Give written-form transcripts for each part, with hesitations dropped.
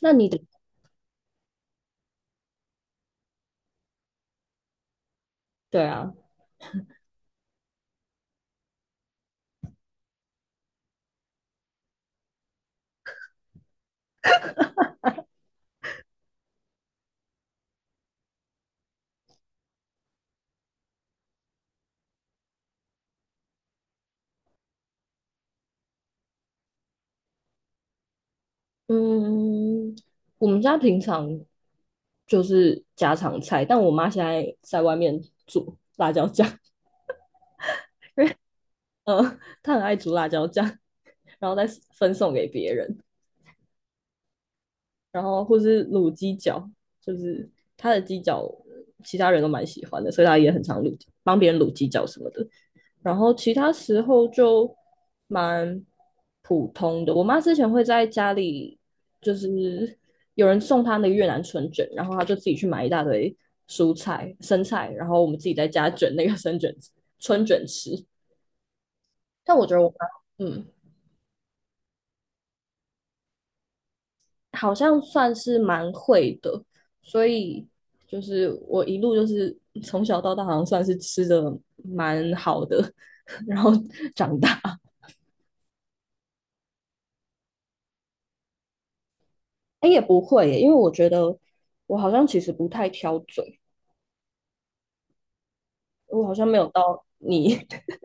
那你的，对啊，嗯，我们家平常就是家常菜，但我妈现在在外面煮辣椒酱，她很爱煮辣椒酱，然后再分送给别人，然后或是卤鸡脚，就是她的鸡脚，其他人都蛮喜欢的，所以她也很常卤，帮别人卤鸡脚什么的。然后其他时候就蛮普通的。我妈之前会在家里，就是有人送她那个越南春卷，然后她就自己去买一大堆蔬菜、生菜，然后我们自己在家卷那个生卷春卷吃。但我觉得我妈，嗯，好像算是蛮会的，所以就是我一路就是从小到大，好像算是吃的蛮好的，然后长大。哎，也不会耶，因为我觉得我好像其实不太挑嘴，我好像没有到你，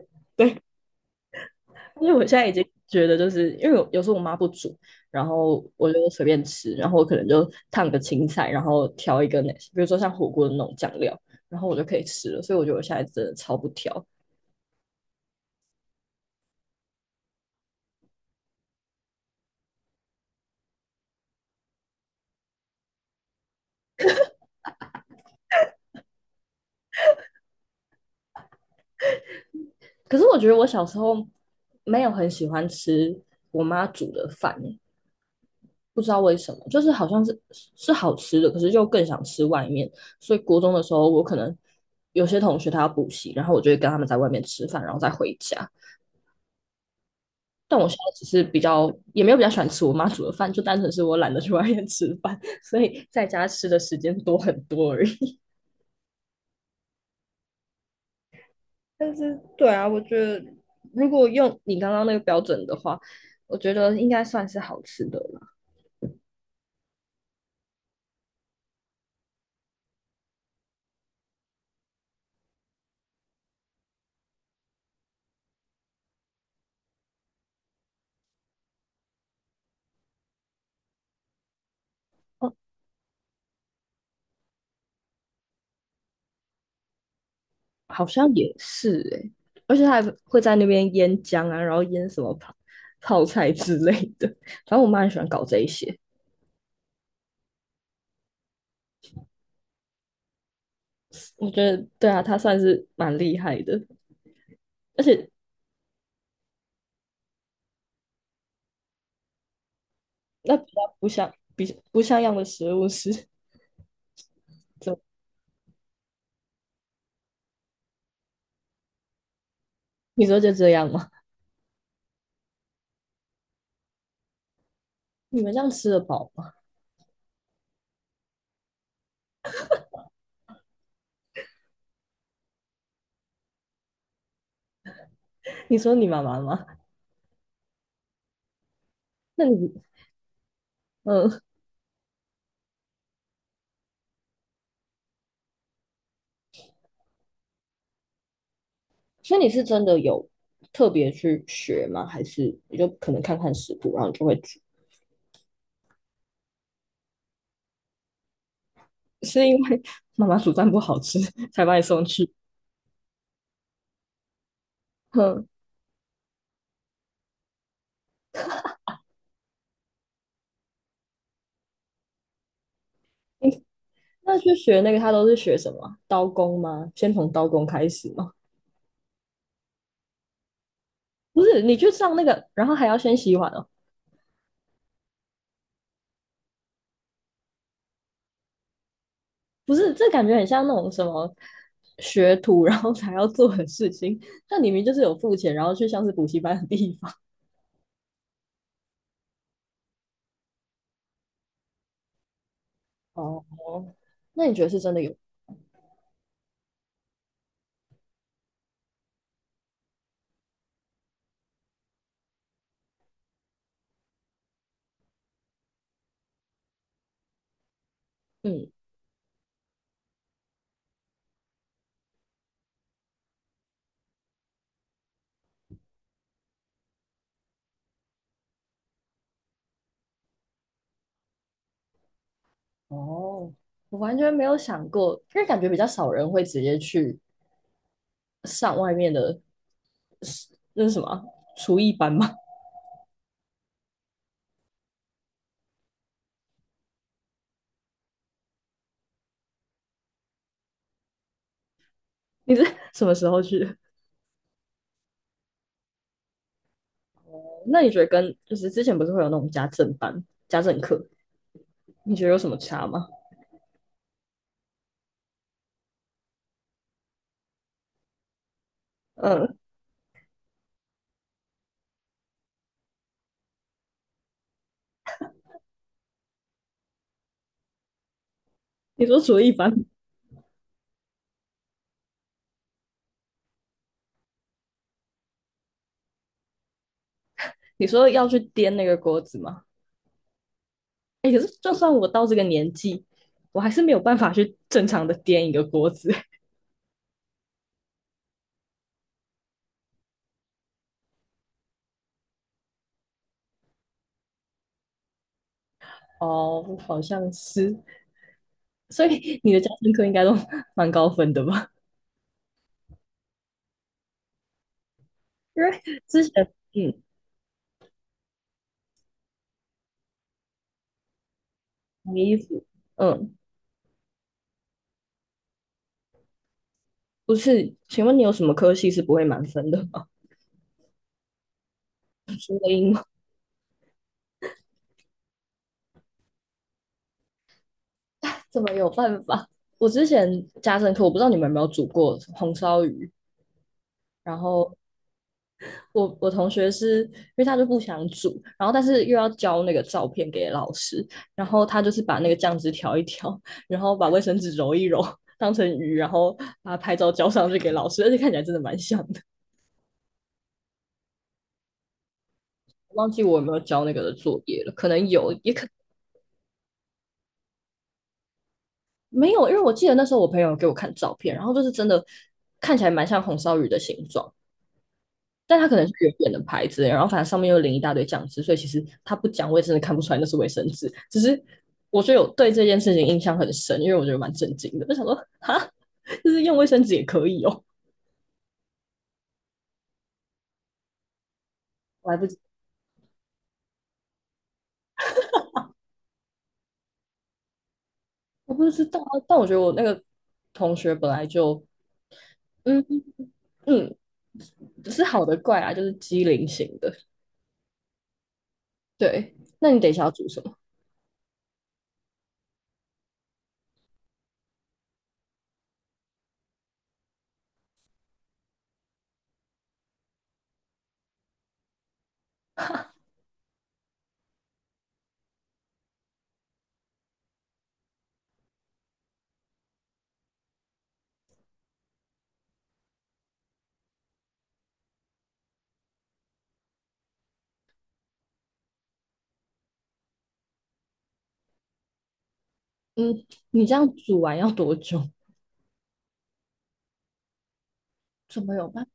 因为我现在已经觉得，就是因为有时候我妈不煮，然后我就随便吃，然后我可能就烫个青菜，然后调一个那，比如说像火锅的那种酱料，然后我就可以吃了。所以我觉得我现在真的超不挑。可是我觉得我小时候没有很喜欢吃我妈煮的饭，不知道为什么，就是好像是好吃的，可是又更想吃外面。所以国中的时候，我可能有些同学他要补习，然后我就会跟他们在外面吃饭，然后再回家。但我现在只是比较也没有比较喜欢吃我妈煮的饭，就单纯是我懒得去外面吃饭，所以在家吃的时间多很多而已。但是对啊，我觉得如果用你刚刚那个标准的话，我觉得应该算是好吃的了。哦，好像也是诶、而且他还会在那边腌姜啊，然后腌什么泡菜之类的。反正我妈很喜欢搞这一些，我觉得对啊，她算是蛮厉害的。而且那比较不像比不像样的食物是怎么你说就这样吗？你们这样吃得饱吗？你说你妈妈吗？那你嗯，所以你是真的有特别去学吗？还是你就可能看看食谱，然后你就会煮？是因为妈妈煮饭不好吃才把你送去？哼。那去学那个，他都是学什么？刀工吗？先从刀工开始吗？不是，你去上那个，然后还要先洗碗哦。不是，这感觉很像那种什么学徒，然后才要做的事情。那你明明就是有付钱，然后去像是补习班的地方。哦，那你觉得是真的有？嗯，哦，我完全没有想过，因为感觉比较少人会直接去上外面的，那是什么啊厨艺班吗？你是什么时候去的？那你觉得跟就是之前不是会有那种家政班、家政课，你觉得有什么差吗？嗯，你说厨艺班，你说要去颠那个锅子吗？哎，可是就算我到这个年纪，我还是没有办法去正常的颠一个锅子。哦，好像是，所以你的家政课应该都蛮高分的吧？因为之前，嗯，洗衣服，嗯，不是，请问你有什么科系是不会满分的吗？英怎么有办法？我之前家政课，我不知道你们有没有煮过红烧鱼。然后我同学是因为他就不想煮，然后但是又要交那个照片给老师，然后他就是把那个酱汁调一调，然后把卫生纸揉一揉，当成鱼，然后把拍照交上去给老师，而且看起来真的蛮像的。忘记我有没有交那个的作业了，可能有，也可没有，因为我记得那时候我朋友给我看照片，然后就是真的看起来蛮像红烧鱼的形状，但它可能是远远的牌子，然后反正上面又淋一大堆酱汁，所以其实它不讲，我也真的看不出来那是卫生纸。只是我觉得有对这件事情印象很深，因为我觉得蛮震惊的，就想说哈，就是用卫生纸也可以哦，我还不我不知道啊但我觉得我那个同学本来就嗯嗯，不是好的怪啊，就是机灵型的。对，那你等一下要煮什么？嗯，你这样煮完要多久？怎么有办？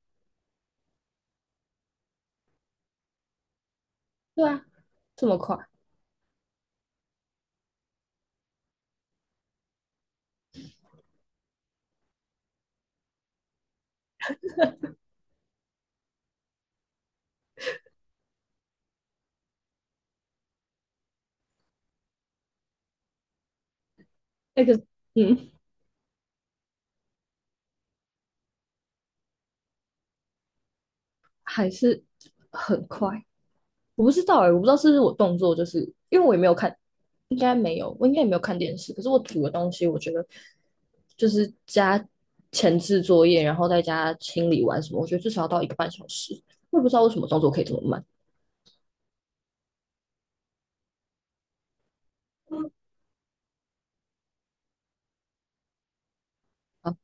对啊，这么快？那个嗯，还是很快。我不知道哎、欸我不知道是不是我动作，就是因为我也没有看，应该没有，我应该也没有看电视。可是我煮的东西，我觉得就是加前置作业，然后再加清理完什么，我觉得至少要到一个半小时。我也不知道为什么动作可以这么慢啊，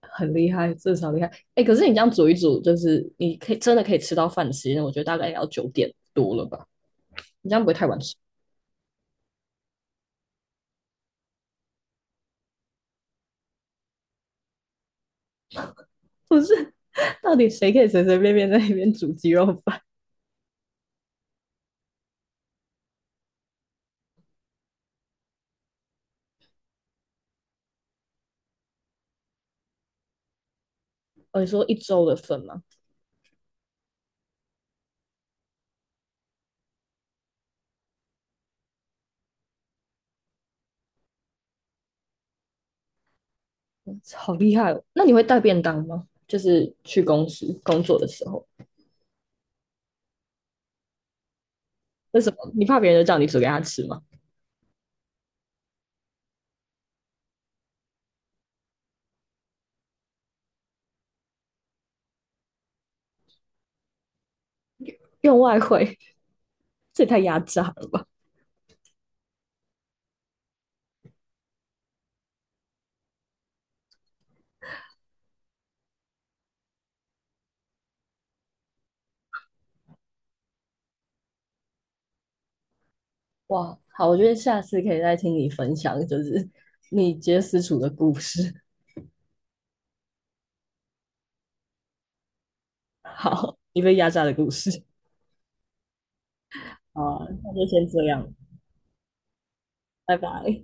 很厉害，至少厉害。哎、欸可是你这样煮一煮，就是你可以真的可以吃到饭的时间，我觉得大概也要九点多了吧？你这样不会太晚吃？不是，到底谁可以随随便便在那边煮鸡肉饭？哦，你说一周的份吗？好厉害哦！那你会带便当吗？就是去公司工作的时候，为什么你怕别人就叫你煮给他吃吗？用外汇，这也太压榨了吧！哇，好，我觉得下次可以再听你分享，就是你接私厨的故事。好，你被压榨的故事。好啊那就先这样，拜拜。